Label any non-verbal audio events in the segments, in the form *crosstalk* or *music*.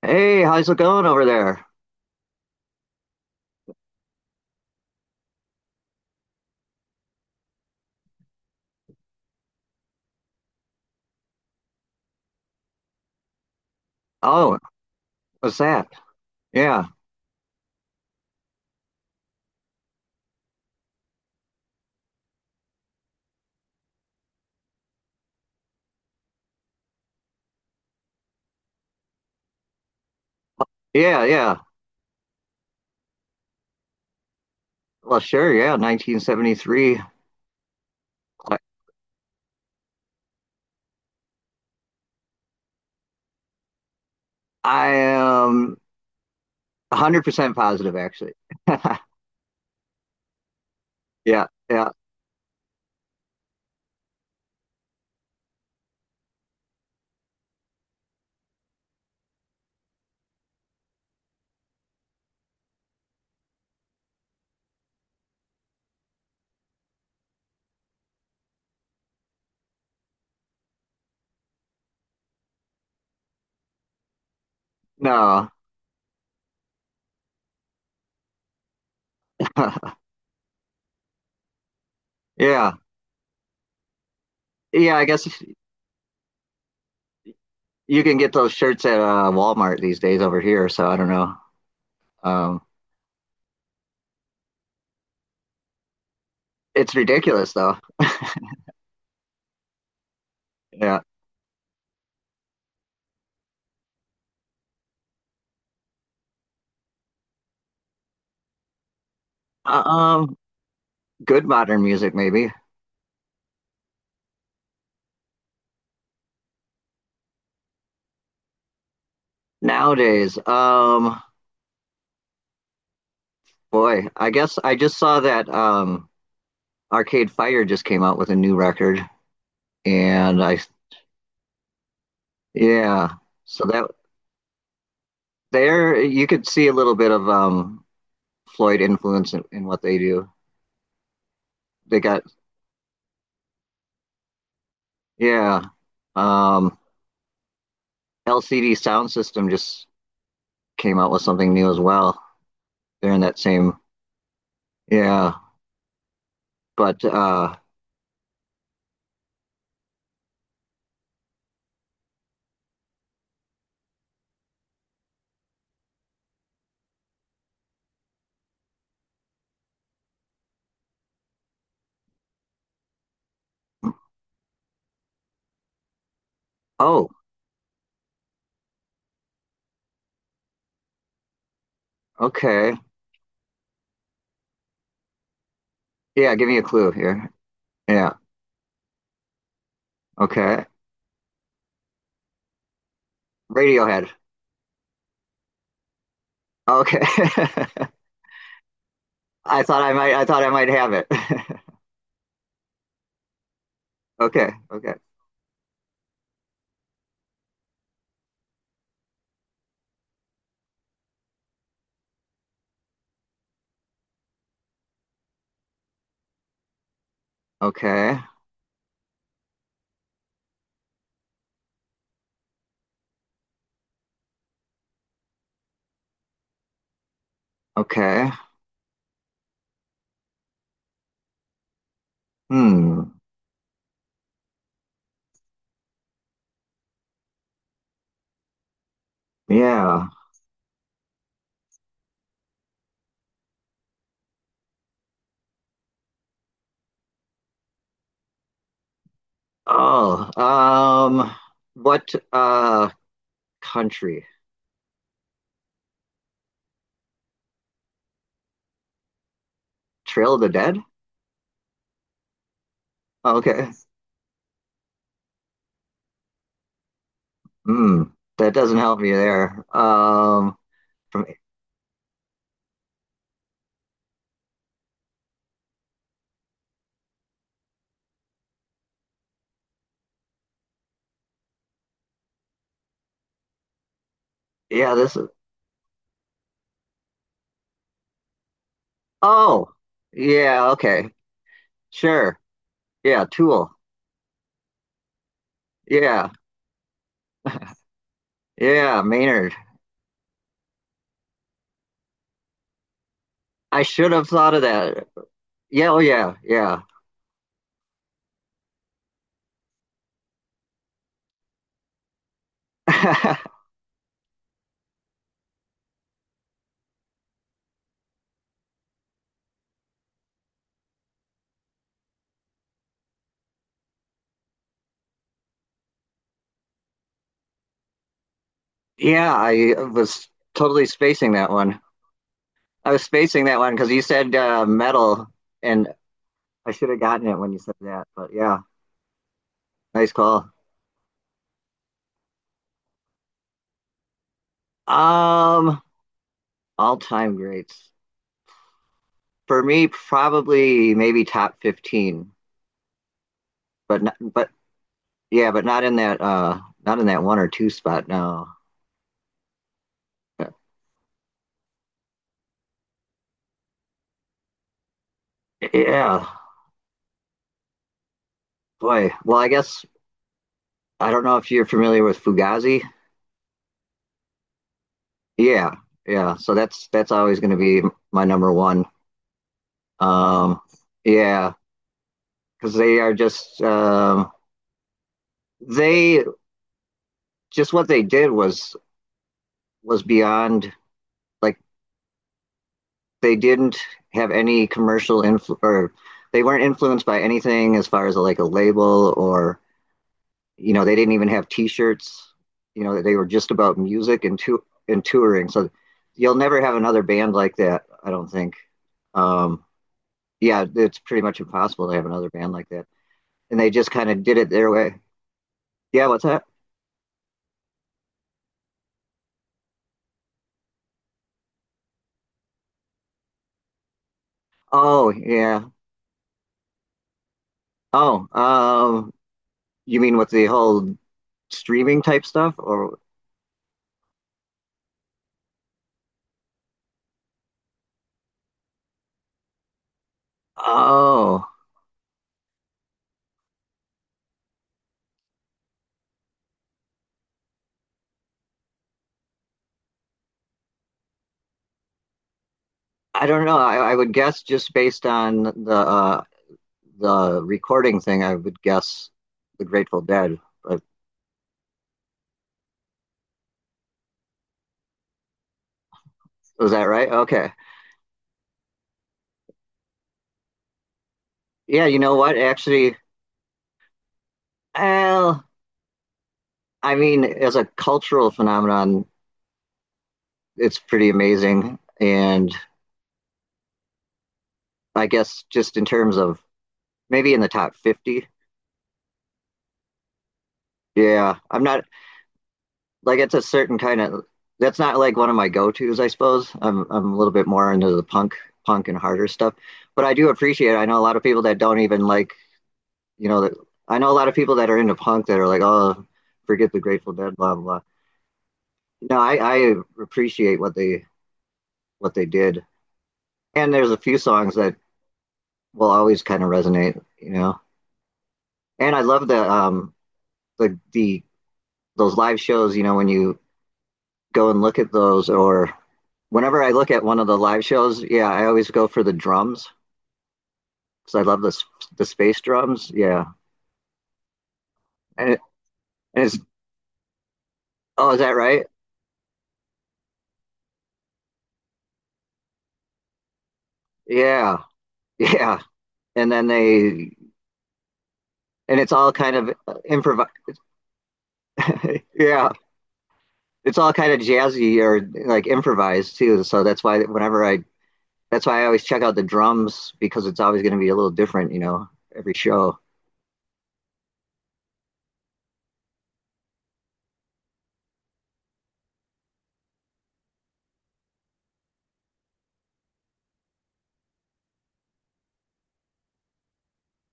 Hey, how's it going over there? Oh, what's that? Yeah, yeah, yeah. Well, sure, yeah, 1973. I am 100% positive, actually. *laughs* Yeah, yeah. No. *laughs* Yeah. Yeah, I guess you can get those shirts at Walmart these days over here, so I don't know. Um, it's ridiculous though. Yeah. Uh, Um, Good modern music maybe. Nowadays, boy, I guess I just saw that Arcade Fire just came out with a new record, and I yeah, so that there you could see a little bit of Floyd influence in what they do. They got yeah, um, LCD Sound System just came out with something new as well. They're in that same yeah, but oh, okay, yeah, give me a clue here. Yeah, okay, Radiohead. Okay. *laughs* I thought I might have it. *laughs* Okay, okay, okay. Okay. Hmm. Yeah. Oh, what country? Trail of the Dead? Oh, okay. Hmm. That doesn't help me there. From yeah, this is oh, yeah, okay. Sure. Yeah, Tool. Yeah. Yeah, Maynard. I should have thought of that. Yeah, oh yeah, yeah. *laughs* Yeah, I was totally spacing that one. I was spacing that one because you said metal and I should have gotten it when you said that, but yeah, nice call. Um, all time greats for me, probably maybe top 15, but not, but yeah, but not in that not in that one or two spot. No, yeah, boy. Well, I guess I don't know if you're familiar with Fugazi. Yeah, yeah. So that's always going to be my number one. Um, yeah, because they are just they just what they did was beyond like they didn't have any commercial influ- or they weren't influenced by anything as far as a, like a label or, you know, they didn't even have t-shirts. You know, they were just about music and to- and touring, so you'll never have another band like that, I don't think. Um, yeah, it's pretty much impossible to have another band like that, and they just kind of did it their way. Yeah, what's that? Oh yeah. Oh, you mean with the whole streaming type stuff or oh I don't know. I would guess just based on the recording thing, I would guess the Grateful Dead. But was that right? Okay. Yeah, you know what? Actually, well, I mean, as a cultural phenomenon, it's pretty amazing. And I guess just in terms of maybe in the top 50. Yeah, I'm not like it's a certain kind of that's not like one of my go-tos, I suppose. I'm a little bit more into the punk, and harder stuff. But I do appreciate it. I know a lot of people that don't even like, you know, that I know a lot of people that are into punk that are like, oh, forget the Grateful Dead, blah blah. No, I appreciate what they did, and there's a few songs that will always kind of resonate, you know. And I love the those live shows, you know, when you go and look at those, or whenever I look at one of the live shows, yeah, I always go for the drums because I love the space drums, yeah. And, it, and it's oh, is that right? Yeah, *laughs* yeah. And then they and it's all kind of improv. *laughs* Yeah, it's all kind of jazzy or like improvised too. So that's why I always check out the drums because it's always going to be a little different, you know, every show.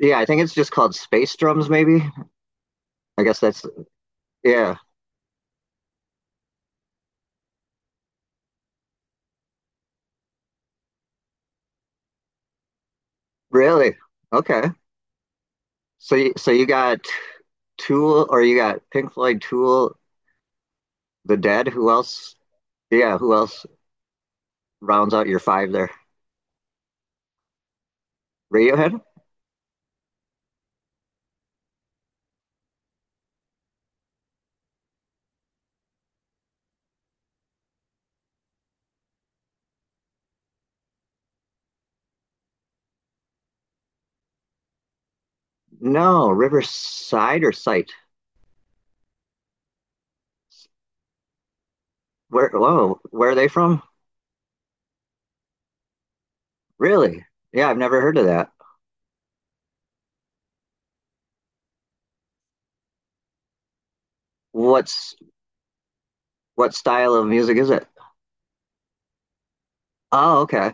Yeah, I think it's just called Space Drums, maybe. I guess that's yeah. Really? Okay. So you got Tool, or you got Pink Floyd, Tool, The Dead. Who else? Yeah, who else rounds out your five there? Radiohead? No, Riverside or Sight. Where, whoa, where are they from? Really? Yeah, I've never heard of that. What's what style of music is it? Oh, okay.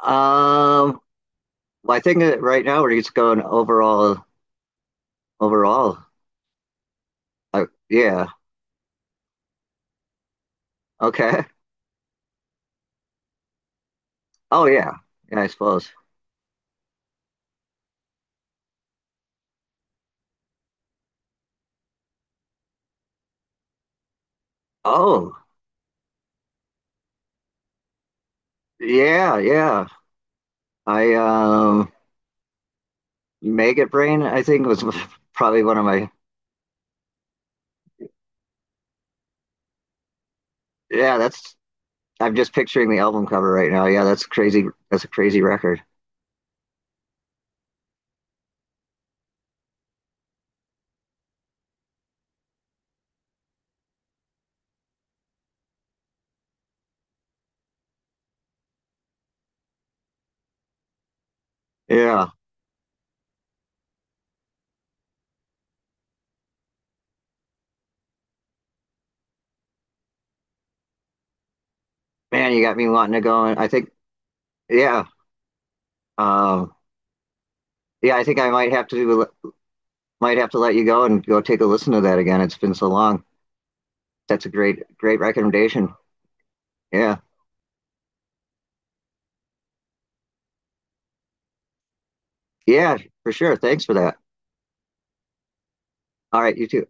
Um, well, I think that right now we're just going overall, overall. Yeah. Okay. Oh, yeah. Yeah, I suppose. Oh, yeah, yeah. I Maggot Brain, I think was *laughs* probably one of my. Yeah, that's. I'm just picturing the album cover right now. Yeah, that's crazy. That's a crazy record. Yeah, man, you got me wanting to go. And I think, yeah. Um, yeah, I think I might have to let you go and go take a listen to that again. It's been so long. That's a great great recommendation. Yeah, yeah, for sure. Thanks for that. All right, you too.